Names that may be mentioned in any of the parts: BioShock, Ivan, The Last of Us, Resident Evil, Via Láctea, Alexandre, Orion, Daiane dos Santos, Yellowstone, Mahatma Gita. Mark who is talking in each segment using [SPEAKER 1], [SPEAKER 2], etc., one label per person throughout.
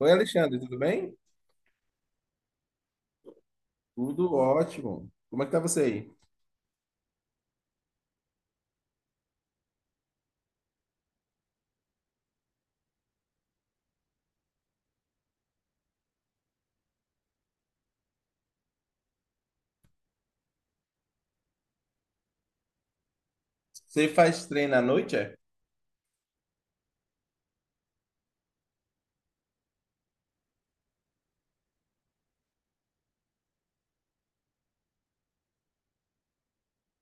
[SPEAKER 1] Oi, Alexandre, tudo bem? Tudo ótimo. Como é que tá você aí? Você faz treino à noite, é?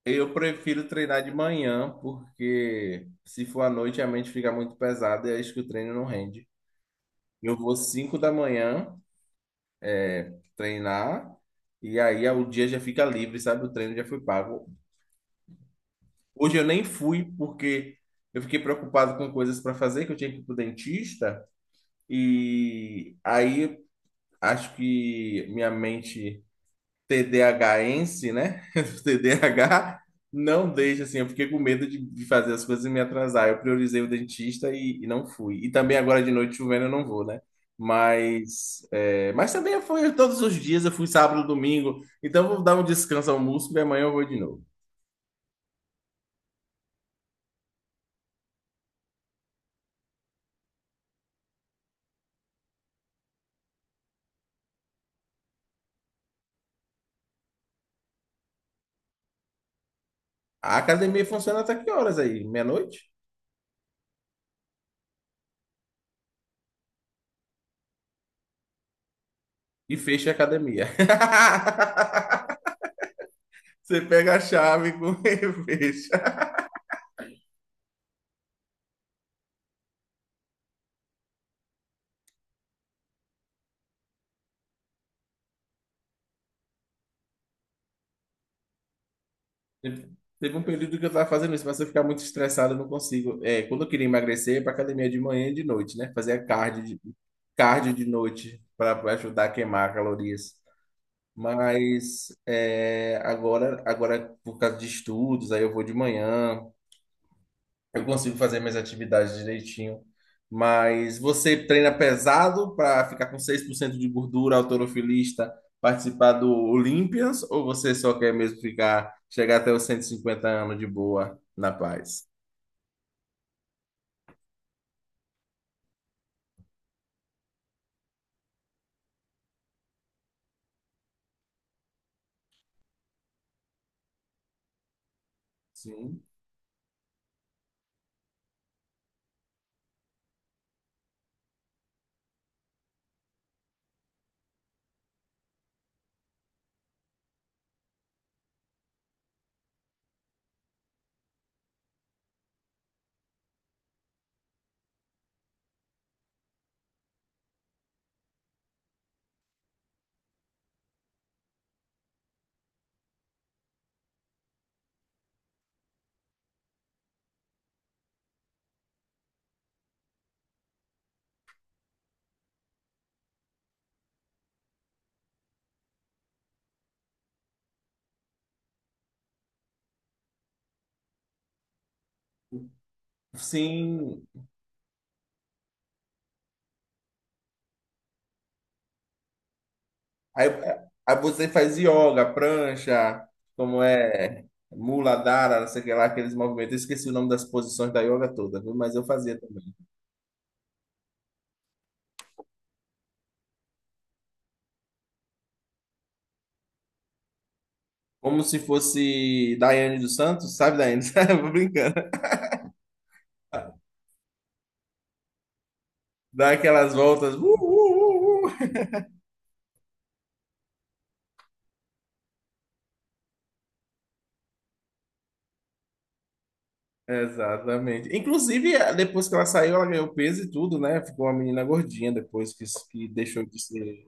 [SPEAKER 1] Eu prefiro treinar de manhã, porque se for à noite a mente fica muito pesada e acho que o treino não rende. Eu vou 5 da manhã treinar e aí o dia já fica livre, sabe? O treino já foi pago. Hoje eu nem fui porque eu fiquei preocupado com coisas para fazer, que eu tinha que ir pro dentista e aí acho que minha mente TDAHense, né? TDAH, não deixa assim. Eu fiquei com medo de fazer as coisas e me atrasar. Eu priorizei o dentista e não fui. E também agora de noite chovendo eu não vou, né? Mas também foi todos os dias, eu fui sábado, domingo. Então eu vou dar um descanso ao músculo e amanhã eu vou de novo. A academia funciona até que horas aí? Meia-noite? E fecha a academia. Você pega a chave com e fecha. Teve teve um período que eu tava fazendo isso, mas se eu ficar muito estressado, eu não consigo. É, quando eu queria emagrecer, ia pra academia de manhã e de noite, né? Fazer cardio de noite para ajudar a queimar calorias. Mas agora, por causa de estudos, aí eu vou de manhã. Eu consigo fazer minhas atividades direitinho. Mas você treina pesado para ficar com 6% de gordura, autorofilista, participar do Olympians, ou você só quer mesmo ficar, chegar até os 150 anos de boa, na paz? Sim. Sim. Aí, você faz yoga, prancha, como é, mula dara, não sei o que lá, aqueles movimentos. Eu esqueci o nome das posições da yoga toda, viu? Mas eu fazia também. Como se fosse Daiane dos Santos, sabe, Daiane? Eu tô brincando. Dá aquelas voltas. Exatamente. Inclusive, depois que ela saiu, ela ganhou peso e tudo, né? Ficou uma menina gordinha depois que deixou de ser.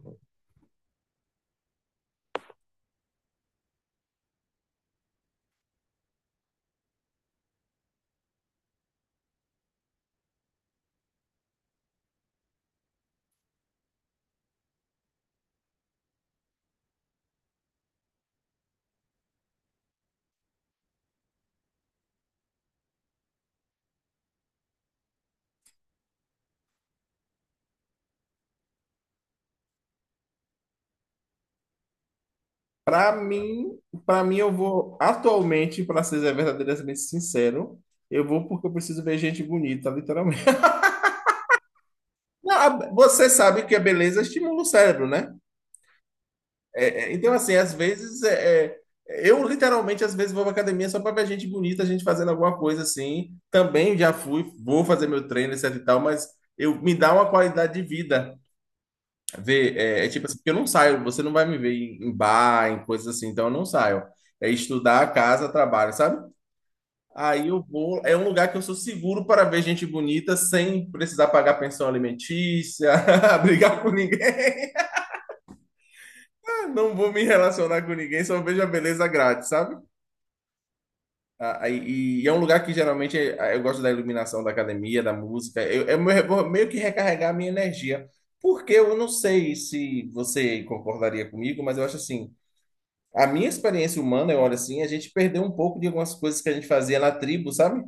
[SPEAKER 1] Pra mim, para mim, eu vou atualmente, pra ser verdadeiramente sincero, eu vou porque eu preciso ver gente bonita, literalmente. Não, você sabe que a beleza estimula o cérebro, né? Então, assim, às vezes eu literalmente às vezes vou pra academia só para ver gente bonita, gente fazendo alguma coisa assim. Também já fui, vou fazer meu treino, etc e tal, mas eu me dá uma qualidade de vida. Ver, tipo assim, porque eu não saio, você não vai me ver em bar, em coisas assim, então eu não saio. É estudar, casa, trabalho, sabe? Aí eu vou, é um lugar que eu sou seguro para ver gente bonita sem precisar pagar pensão alimentícia, brigar com ninguém. Não vou me relacionar com ninguém, só vejo a beleza grátis, sabe? Ah, e é um lugar que geralmente eu gosto da iluminação da academia, da música. Eu vou meio que recarregar a minha energia. Porque eu não sei se você concordaria comigo, mas eu acho assim, a minha experiência humana, eu olho assim, a gente perdeu um pouco de algumas coisas que a gente fazia na tribo, sabe?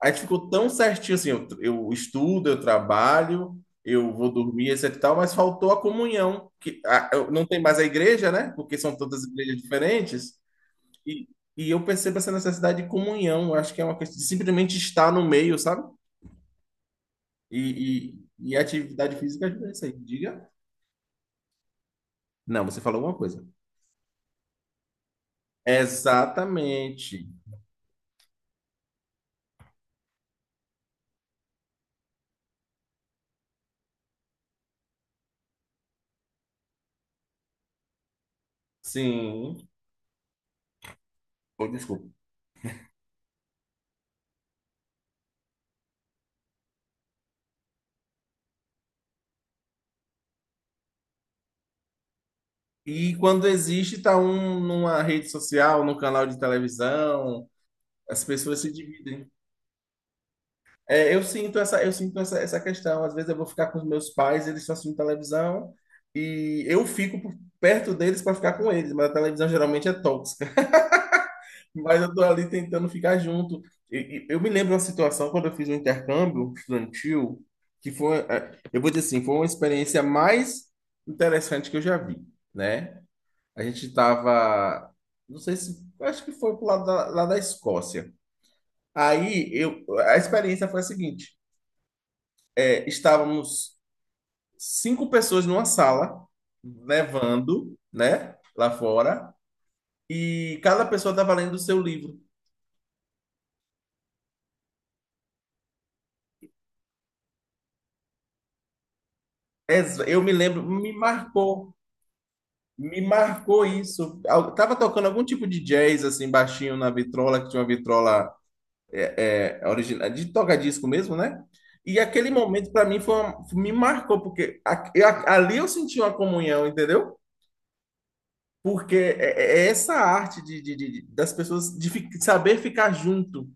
[SPEAKER 1] A gente ficou tão certinho assim, eu estudo, eu trabalho, eu vou dormir, etc e tal, mas faltou a comunhão, que não tem mais a igreja, né? Porque são todas igrejas diferentes. E, e eu percebo essa necessidade de comunhão. Eu acho que é uma questão de simplesmente estar no meio, sabe? E, e a atividade física ajuda isso aí. Diga. Não, você falou alguma coisa. Exatamente. Sim. Oh, desculpa. E quando existe, tá um numa rede social, num canal de televisão, as pessoas se dividem. É, eu sinto essa, essa questão. Às vezes eu vou ficar com os meus pais, eles estão assistindo televisão, e eu fico perto deles para ficar com eles, mas a televisão geralmente é. Mas eu tô ali tentando ficar junto. Eu me lembro de uma situação quando eu fiz um intercâmbio estudantil, que foi, eu vou dizer assim, foi uma experiência mais interessante que eu já vi, né? A gente tava, não sei se, acho que foi pro lado da, lá da Escócia. Aí eu, a experiência foi a seguinte, estávamos cinco pessoas numa sala, nevando, né, lá fora, e cada pessoa estava lendo o seu livro. Eu me lembro, me marcou isso. Tava tocando algum tipo de jazz, assim, baixinho na vitrola, que tinha uma vitrola original, de toca-disco mesmo, né? E aquele momento, para mim, foi me marcou, porque ali eu senti uma comunhão, entendeu? Porque é essa arte das pessoas saber ficar junto.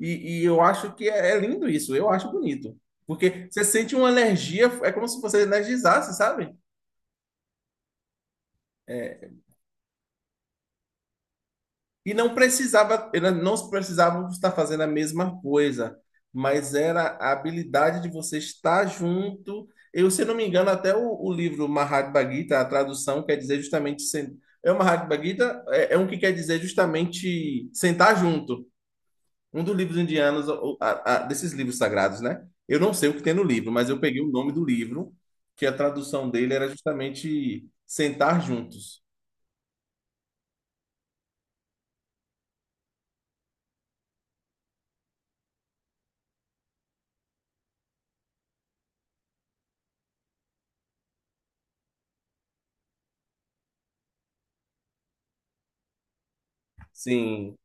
[SPEAKER 1] E eu acho que é lindo isso, eu acho bonito. Porque você sente uma energia, é como se você energizasse, sabe? É, E não precisava, elas não precisavam estar fazendo a mesma coisa, mas era a habilidade de você estar junto. Eu, se não me engano, até o livro Mahatma Gita, a tradução quer dizer justamente. É o Mahatma Gita, é um que quer dizer justamente sentar junto. Um dos livros indianos, desses livros sagrados, né? Eu não sei o que tem no livro, mas eu peguei o nome do livro, que a tradução dele era justamente sentar juntos. Sim.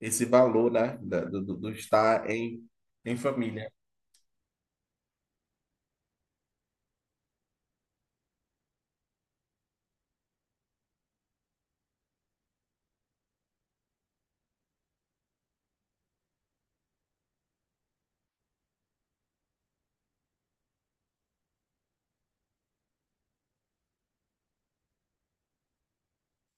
[SPEAKER 1] Esse valor, né, do estar em família.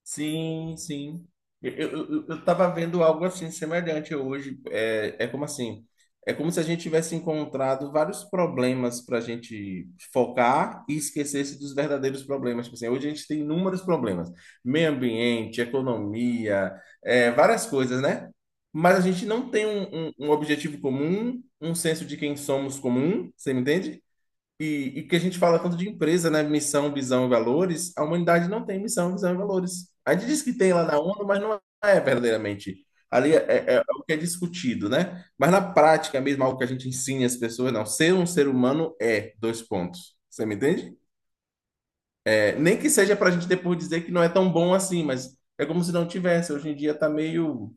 [SPEAKER 1] Sim, sim. Eu tava vendo algo assim semelhante hoje. Como assim? É como se a gente tivesse encontrado vários problemas para a gente focar e esquecesse dos verdadeiros problemas. Tipo assim, hoje a gente tem inúmeros problemas: meio ambiente, economia, várias coisas, né? Mas a gente não tem um objetivo comum, um senso de quem somos comum, você me entende? E que a gente fala tanto de empresa, né? Missão, visão e valores. A humanidade não tem missão, visão e valores. A gente diz que tem lá na ONU, mas não é verdadeiramente. Ali é, o que é discutido, né? Mas na prática mesmo, algo que a gente ensina as pessoas, não. Ser um ser humano é dois pontos. Você me entende? É, nem que seja para a gente depois dizer que não é tão bom assim, mas é como se não tivesse. Hoje em dia está meio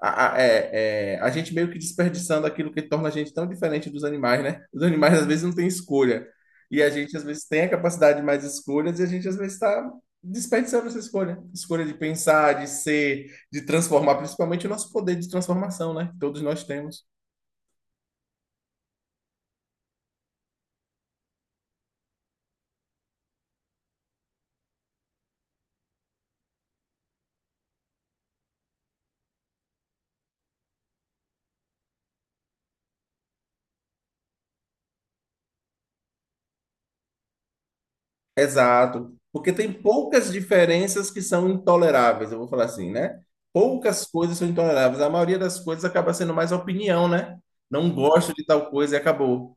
[SPEAKER 1] a gente meio que desperdiçando aquilo que torna a gente tão diferente dos animais, né? Os animais às vezes não têm escolha. E a gente às vezes tem a capacidade de mais escolhas e a gente às vezes está desperdiçando essa escolha. Escolha de pensar, de ser, de transformar, principalmente o nosso poder de transformação, né? Que todos nós temos. Exato. Porque tem poucas diferenças que são intoleráveis, eu vou falar assim, né? Poucas coisas são intoleráveis. A maioria das coisas acaba sendo mais opinião, né? Não gosto de tal coisa e acabou.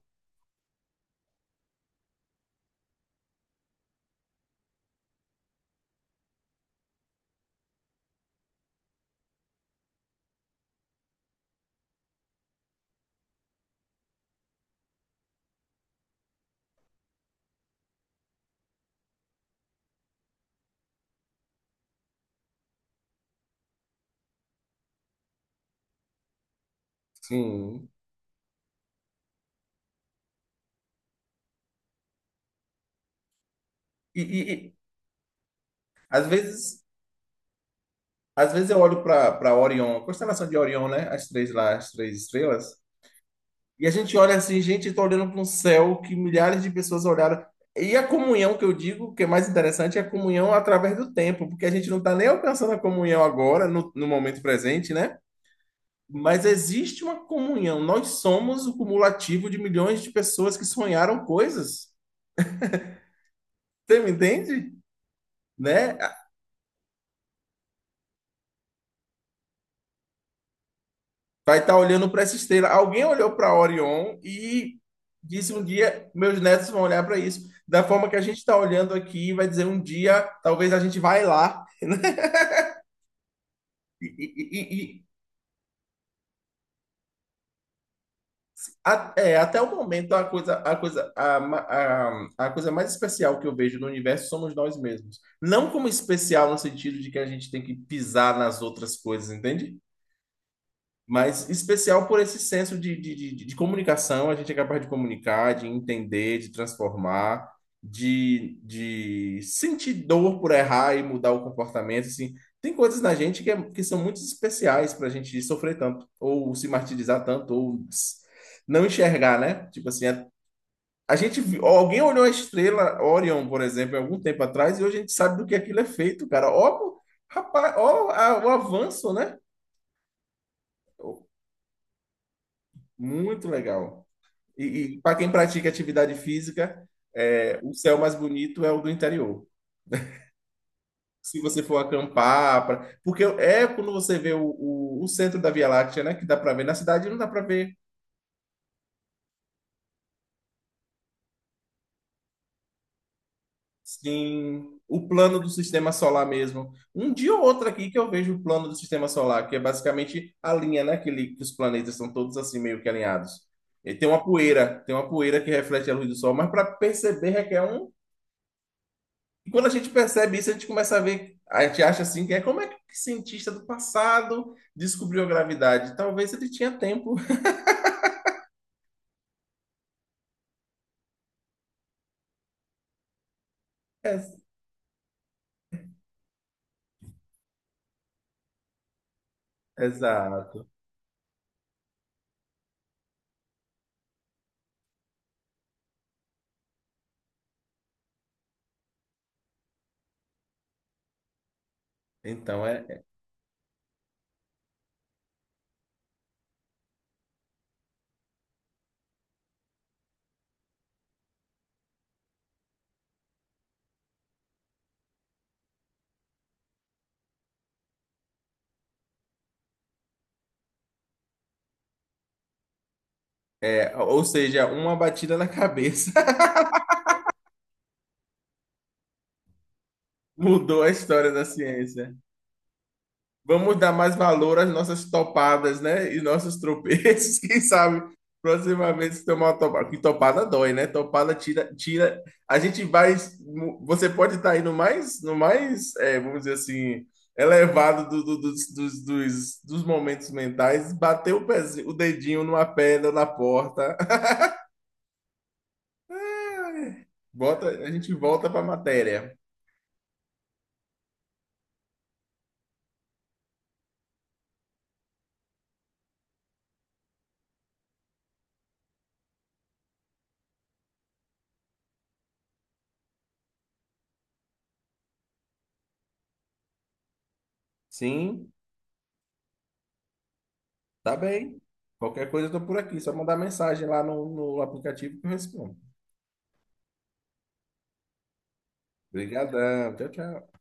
[SPEAKER 1] Sim. E, e- e, às vezes, às vezes eu olho para Orion, a constelação de Orion, né? As três lá, as três estrelas. E a gente olha assim, gente, estou olhando para um céu que milhares de pessoas olharam. E a comunhão que eu digo, que é mais interessante, é a comunhão através do tempo, porque a gente não está nem alcançando a comunhão agora, no momento presente, né? Mas existe uma comunhão. Nós somos o cumulativo de milhões de pessoas que sonharam coisas. Você me entende? Né? Vai estar olhando para essa estrela. Alguém olhou para Orion e disse um dia, meus netos vão olhar para isso. Da forma que a gente está olhando aqui, vai dizer um dia, talvez a gente vai lá. né? E, e- e- e até o momento, a coisa mais especial que eu vejo no universo somos nós mesmos. Não como especial no sentido de que a gente tem que pisar nas outras coisas, entende? Mas especial por esse senso de comunicação, a gente é capaz de comunicar, de entender, de transformar, de sentir dor por errar e mudar o comportamento, assim. Tem coisas na gente que, que são muito especiais para a gente sofrer tanto, ou se martirizar tanto, ou não enxergar, né? Tipo assim, alguém olhou a estrela Orion, por exemplo, há algum tempo atrás, e hoje a gente sabe do que aquilo é feito, cara. Ó, rapaz, ó, o avanço, né? Muito legal. E, e para quem pratica atividade física, o céu mais bonito é o do interior. Se você for acampar, porque é quando você vê o centro da Via Láctea, né, que dá para ver. Na cidade não dá para ver, sim, o plano do sistema solar mesmo. Um dia ou outro aqui que eu vejo o plano do sistema solar, que é basicamente a linha, né, que os planetas são todos assim meio que alinhados. E tem uma poeira que reflete a luz do sol, mas para perceber requer um. E quando a gente percebe isso, a gente começa a ver, a gente acha assim, que é como é que o cientista do passado descobriu a gravidade? Talvez ele tinha tempo. Ex- Exato. Então, ou seja, uma batida na cabeça mudou a história da ciência. Vamos dar mais valor às nossas topadas, né? E nossos tropeços. Quem sabe, proximamente, se tomar uma topada. Que topada dói, né? Topada tira, tira. A gente vai. Você pode estar aí no mais, vamos dizer assim, elevado dos momentos mentais, bater o pezinho, o dedinho numa pedra na porta. Bota, a gente volta para a matéria. Sim, tá bem. Qualquer coisa eu tô por aqui, só mandar mensagem lá no aplicativo que eu respondo. Obrigadão. Tchau, tchau.